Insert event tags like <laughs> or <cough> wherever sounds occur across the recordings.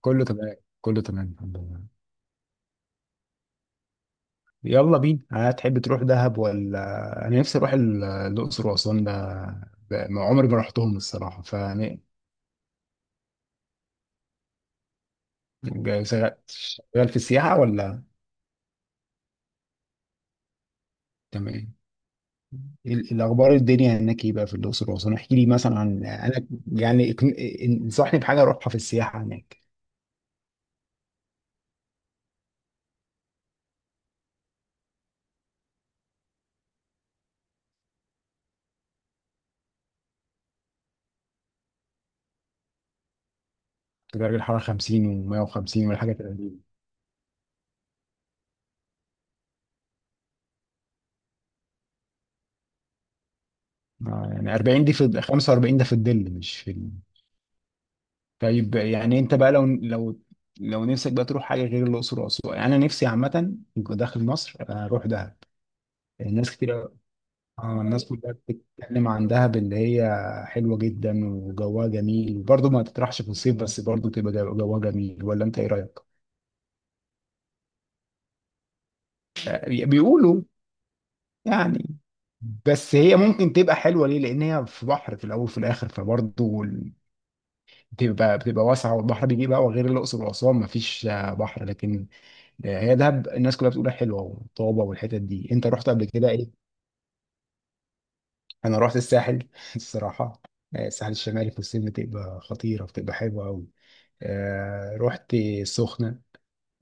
كله تمام كله تمام الحمد لله. يلا بينا، هتحب تروح دهب ولا؟ انا نفسي اروح الاقصر واسوان ده. ما عمري ما رحتهم الصراحه، فانا شغال في السياحه ولا؟ تمام. الاخبار الدنيا هناك ايه بقى في الاقصر واسوان؟ احكي لي مثلا، عن انا يعني اقن- انصحني بحاجه اروحها في السياحه هناك. درجه الحراره 50 و150 ولا حاجه 30؟ يعني 40 دي في 45 ده في الظل مش في طيب يعني انت بقى، لو نفسك بقى تروح حاجه غير الاقصر واسوان، يعني انا نفسي عامه داخل مصر اروح دهب. الناس كتير. اه، الناس كلها بتتكلم عن دهب اللي هي حلوه جدا وجوها جميل، وبرضه ما تطرحش في الصيف بس برضه تبقى جوها جميل، ولا انت ايه رايك؟ بيقولوا يعني. بس هي ممكن تبقى حلوه ليه، لان هي في بحر في الاول وفي الاخر، فبرضه بتبقى واسعه والبحر بيجيب هوا، غير الاقصر واسوان ما فيش بحر. لكن ده هي دهب الناس كلها بتقول حلوه وطابه، والحتت دي انت رحت قبل كده ايه؟ انا رحت الساحل <laughs> الصراحه. آه، الساحل الشمالي في الصيف بتبقى خطيره، بتبقى حلوه قوي. آه، رحت السخنه.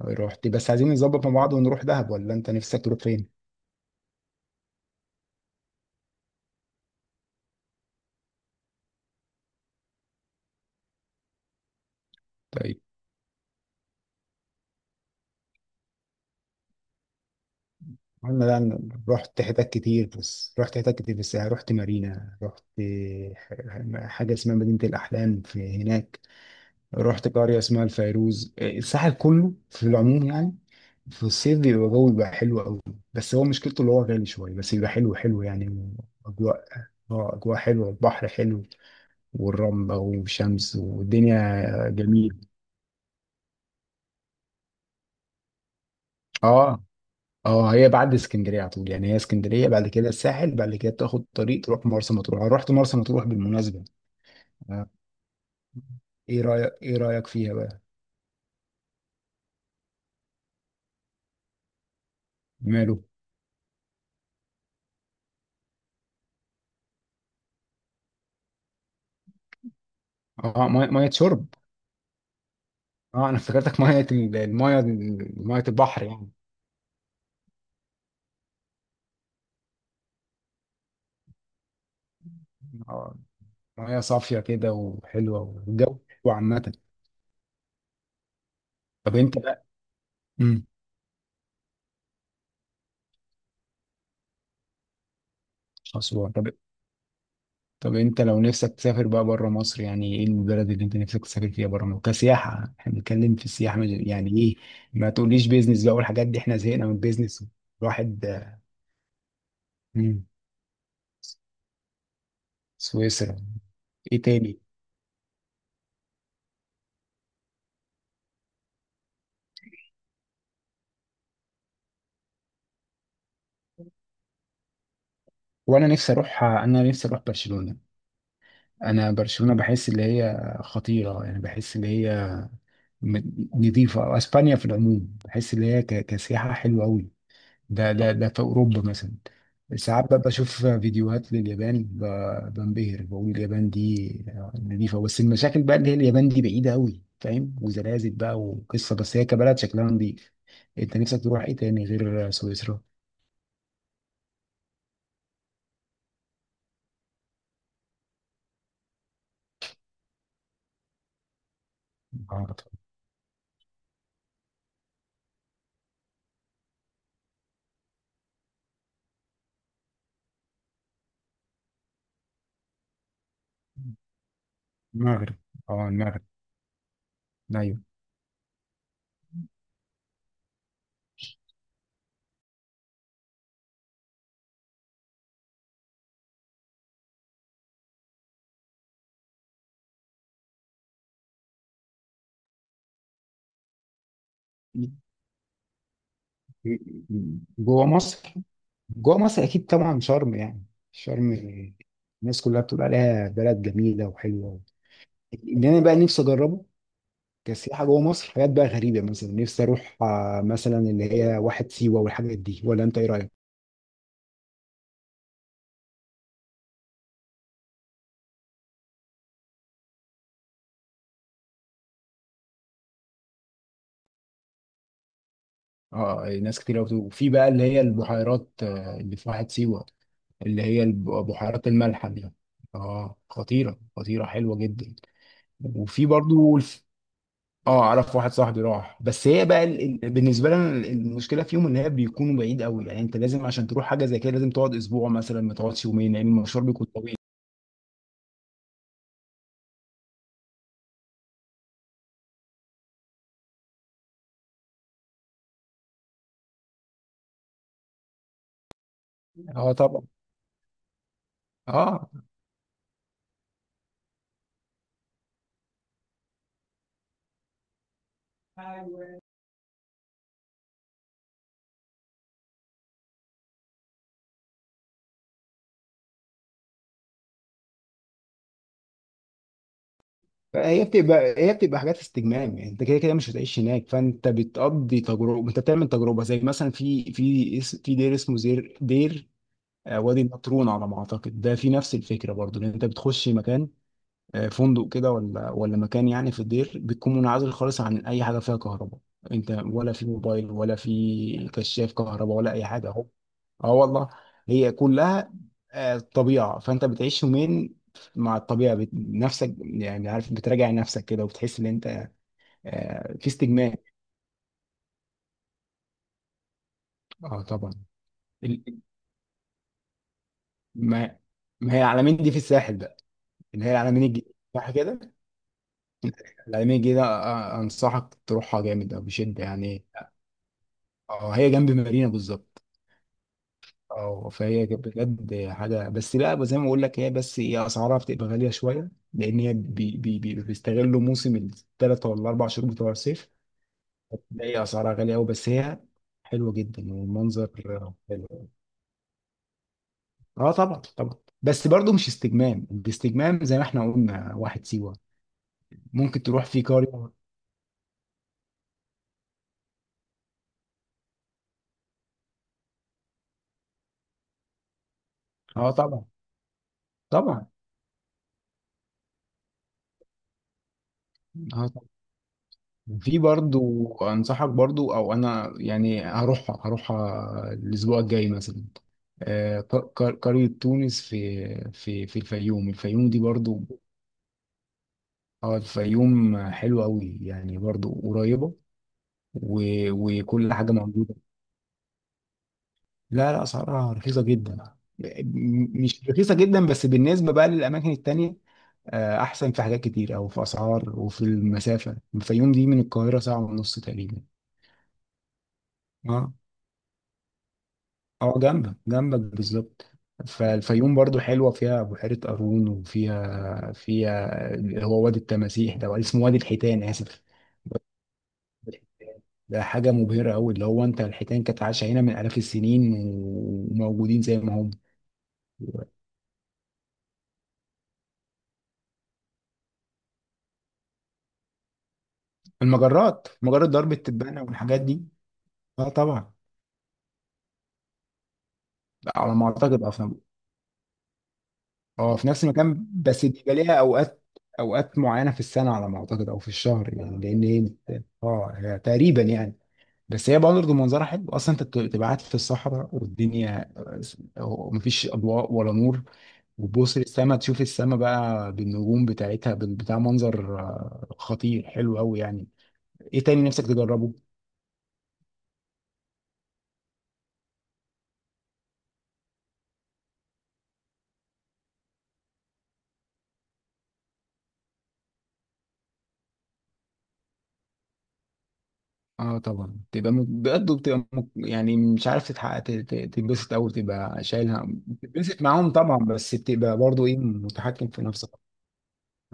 رحت، بس عايزين نظبط مع بعض ونروح دهب، ولا انت نفسك تروح فين؟ طيب. انا، لا، رحت حتت كتير. بس رحت حتت كتير في الساحل، رحت مارينا، رحت حاجه اسمها مدينه الاحلام في هناك. رحت قرية اسمها الفيروز. الساحل كله في العموم يعني في الصيف بيبقى جو، بيبقى حلو قوي. بس هو مشكلته اللي هو غالي شوية، بس بيبقى حلو حلو يعني. أجواء. اه، أجواء حلوة، البحر حلو، والرملة والشمس والدنيا جميل. اه اه، هي بعد اسكندرية على طول يعني. هي اسكندرية بعد كده الساحل، بعد كده تاخد طريق تروح مرسى مطروح. أنا رحت مرسى مطروح بالمناسبة. آه. ايه رأيك، فيها بقى؟ ماله؟ اه، مية، مية شرب؟ اه، انا افتكرتك ميه الميه ميه البحر يعني. آه، ميه صافيه كده وحلوه والجو حلو عامه. طب انت بقى. امم. اسوان. طب، طب انت لو نفسك تسافر بقى بره مصر، يعني ايه البلد اللي انت نفسك تسافر فيها بره مصر كسياحه؟ احنا بنتكلم في السياحه، يعني ايه؟ ما تقوليش بيزنس بقى والحاجات دي، احنا زهقنا من البيزنس. الواحد. امم. سويسرا. ايه تاني؟ وانا نفسي اروح برشلونه. انا برشلونه بحس اللي هي خطيره يعني، بحس اللي هي م- نضيفه. اسبانيا في العموم بحس اللي هي كسياحه حلوه قوي. ده في اوروبا مثلا. ساعات ببقى بشوف فيديوهات لليابان، بنبهر. بقول اليابان دي نظيفه، بس المشاكل بقى اللي هي اليابان دي بعيده قوي فاهم، وزلازل بقى وقصه. بس هي كبلد شكلها نظيف. انت نفسك تروح ايه تاني غير سويسرا؟ المغرب. المغرب. اه، المغرب. ايوه. جوه مصر. جوه مصر اكيد طبعا شرم يعني. شرم. الناس كلها بتقول عليها بلد جميله وحلوه، اللي انا بقى نفسي اجربه كسياحة جوه مصر. حاجات بقى غريبة مثلا، نفسي أروح مثلا اللي هي واحد سيوة والحاجات دي، ولا أنت إيه رأيك؟ اه، ناس كتير قوي. وفي بقى اللي هي البحيرات اللي في واحد سيوه، اللي هي بحيرات الملح دي. اه، خطيره خطيره حلوه جدا. وفي برضو اه، اعرف واحد صاحبي راح، بس هي بقى بالنسبه لنا المشكله فيهم ان هي بيكونوا بعيد قوي. يعني انت لازم عشان تروح حاجه زي كده لازم تقعد اسبوع مثلا، ما تقعدش يومين، لان المشوار بيكون طويل. اه طبعا. اه، هي بتبقى حاجات استجمام. يعني انت كده كده مش هتعيش هناك، فانت بتقضي تجربه، انت بتعمل تجربه. زي مثلا في في دير اسمه دير. وادي النطرون على ما اعتقد. ده في نفس الفكره برضو، ان انت بتخش مكان، فندق كده ولا مكان يعني، في الدير بتكون منعزل خالص عن اي حاجه فيها كهرباء. انت، ولا في موبايل ولا في كشاف كهرباء ولا اي حاجه اهو. اه والله. هي كلها طبيعه. فانت بتعيش يومين مع الطبيعه، نفسك يعني، عارف بتراجع نفسك كده، وبتحس ان انت في استجمام. اه طبعا. ال- ما ما هي العلمين دي في الساحل بقى، اللي هي العلمين الجديده صح كده؟ العلمين الجديده انصحك تروحها جامد او بشده يعني. اه، هي جنب مارينا بالظبط. اه، فهي كانت بجد حاجه. بس بقى زي ما بقول لك، هي بس هي اسعارها بتبقى غاليه شويه، لان هي بي بي بي بيستغلوا موسم الثلاث ولا الاربع شهور بتوع الصيف. ده هي اسعارها غاليه قوي، بس هي حلوه جدا والمنظر حلو. اه طبعا طبعا. بس برضو مش استجمام. الاستجمام زي ما احنا قلنا واحد سيوه، ممكن تروح في قريه. اه طبعا طبعا. اه، في برضو انصحك برضو، او انا يعني هروح، الاسبوع الجاي مثلا، قرية تونس في في الفيوم الفيوم دي برضو. اه، الفيوم حلوة قوي يعني، برضو قريبة، و- وكل حاجة موجودة. لا لا، اسعارها رخيصة جدا، مش رخيصة جدا بس بالنسبة بقى للأماكن التانية. أحسن في حاجات كتير أو في أسعار. وفي المسافة الفيوم دي من القاهرة ساعة ونص تقريبا. اه اه، جنبك جنبك بالظبط. فالفيوم برضو حلوة، فيها بحيرة قارون، وفيها اللي هو وادي التماسيح ده، ولا اسمه وادي الحيتان، آسف. ده حاجة مبهرة أوي، اللي هو أنت الحيتان كانت عايشة هنا من آلاف السنين، وموجودين زي ما هم. المجرات، مجرة درب التبانة والحاجات دي. اه طبعا. لا، على ما أعتقد أصلا. اه، في نفس المكان، بس بيبقى ليها أوقات، أوقات معينة في السنة على ما أعتقد، أو في الشهر يعني، لأن هي اه تقريبا يعني. بس هي برضه منظرها حلو اصلا. انت بتبقى قاعد في الصحراء والدنيا، مفيش اضواء ولا نور، وتبص للسما، تشوف السما بقى بالنجوم بتاعتها بتاع منظر خطير حلو قوي يعني. ايه تاني نفسك تجربه؟ اه طبعا، تبقى بجد بتبقى يعني، مش عارف تتحقق، تتبسط، او تبقى شايلها بتتبسط معاهم طبعا، بس بتبقى برضه ايه متحكم في نفسك.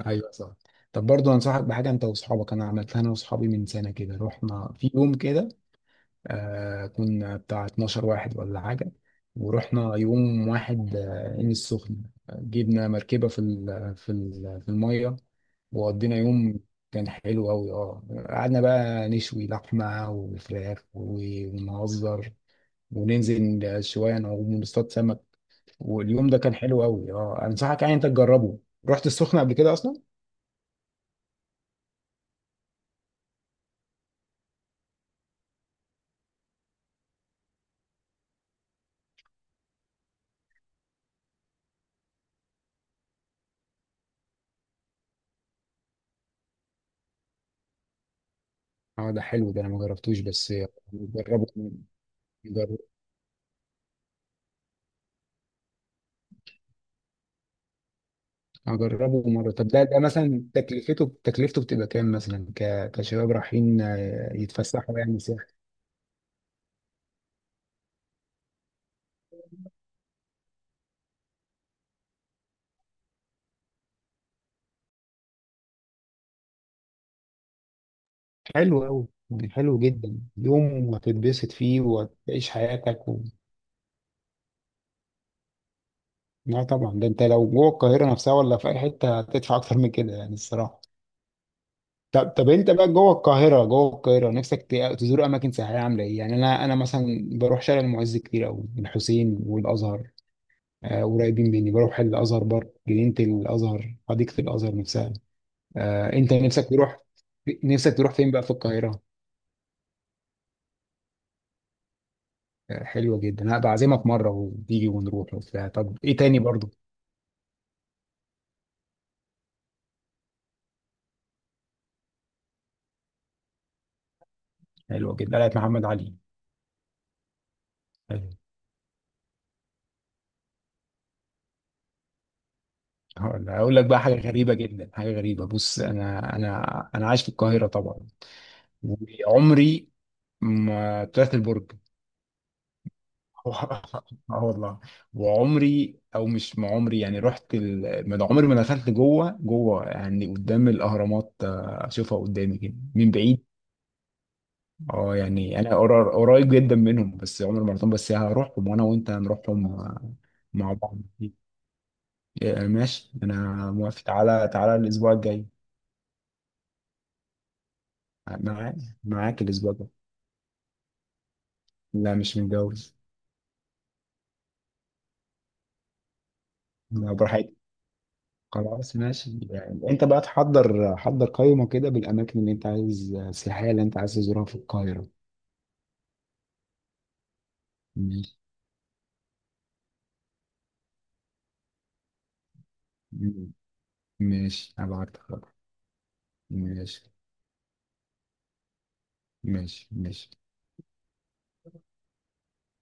ايوه صح. طب برضه انصحك بحاجه، انت واصحابك، انا عملتها انا واصحابي من سنه كده، رحنا في يوم كده. كنا بتاع 12 واحد ولا حاجة، ورحنا يوم واحد عين السخنة. جبنا مركبة في المية، وقضينا يوم. كان حلو أوي اه. قعدنا بقى نشوي لحمة وفراخ ونهزر، وننزل شوية نعوم ونصطاد سمك. واليوم ده كان حلو أوي اه، أنصحك يعني أنت تجربه. رحت السخنة قبل كده أصلا؟ اه، ده حلو ده، أنا ما جربتوش بس. جربه. هجربه مرة. طب ده، مثلا تكلفته، بتبقى كام مثلا، كشباب رايحين يتفسحوا يعني سياحة؟ حلو أوي يعني، حلو جدا، يوم هتتبسط فيه وتعيش حياتك لا طبعا، ده انت لو جوه القاهرة نفسها ولا في أي حتة هتدفع أكتر من كده، يعني الصراحة. طب انت بقى جوه القاهرة، نفسك تزور أماكن سياحية عاملة إيه؟ يعني أنا مثلا بروح شارع المعز كتير أوي، الحسين والأزهر قريبين مني. بروح الأزهر برضه، جنينة الأزهر، حديقة الأزهر نفسها. انت نفسك تروح، نفسك تروح فين بقى في القاهرة؟ حلوة جدا، هبقى اعزمك مرة وتيجي ونروح وبتاع. طب ايه تاني برضو؟ حلوة جدا قلعة محمد علي. حلو. هقول، لك بقى حاجة غريبة جدا. حاجة غريبة، بص، انا عايش في القاهرة طبعا، وعمري ما طلعت البرج. <laughs> اه والله، وعمري او مش ما عمري يعني، رحت ما ده عمري ما دخلت جوه جوه يعني قدام الاهرامات، اشوفها قدامي كده من بعيد. اه يعني انا قريب جدا منهم بس، عمر مرتين بس هروحهم، وانا وانت هنروحهم مع بعض. ماشي انا موافق، تعالى تعالى الاسبوع الجاي. معاك. معاك الاسبوع الجاي. لا، مش متجوز. لا براحتك. خلاص ماشي، يعني انت بقى حضر قائمة كده بالاماكن اللي انت عايز السياحية اللي انت عايز تزورها في القاهرة. ماشي ماشي، هبعت لك. ماشي ماشي ماشي.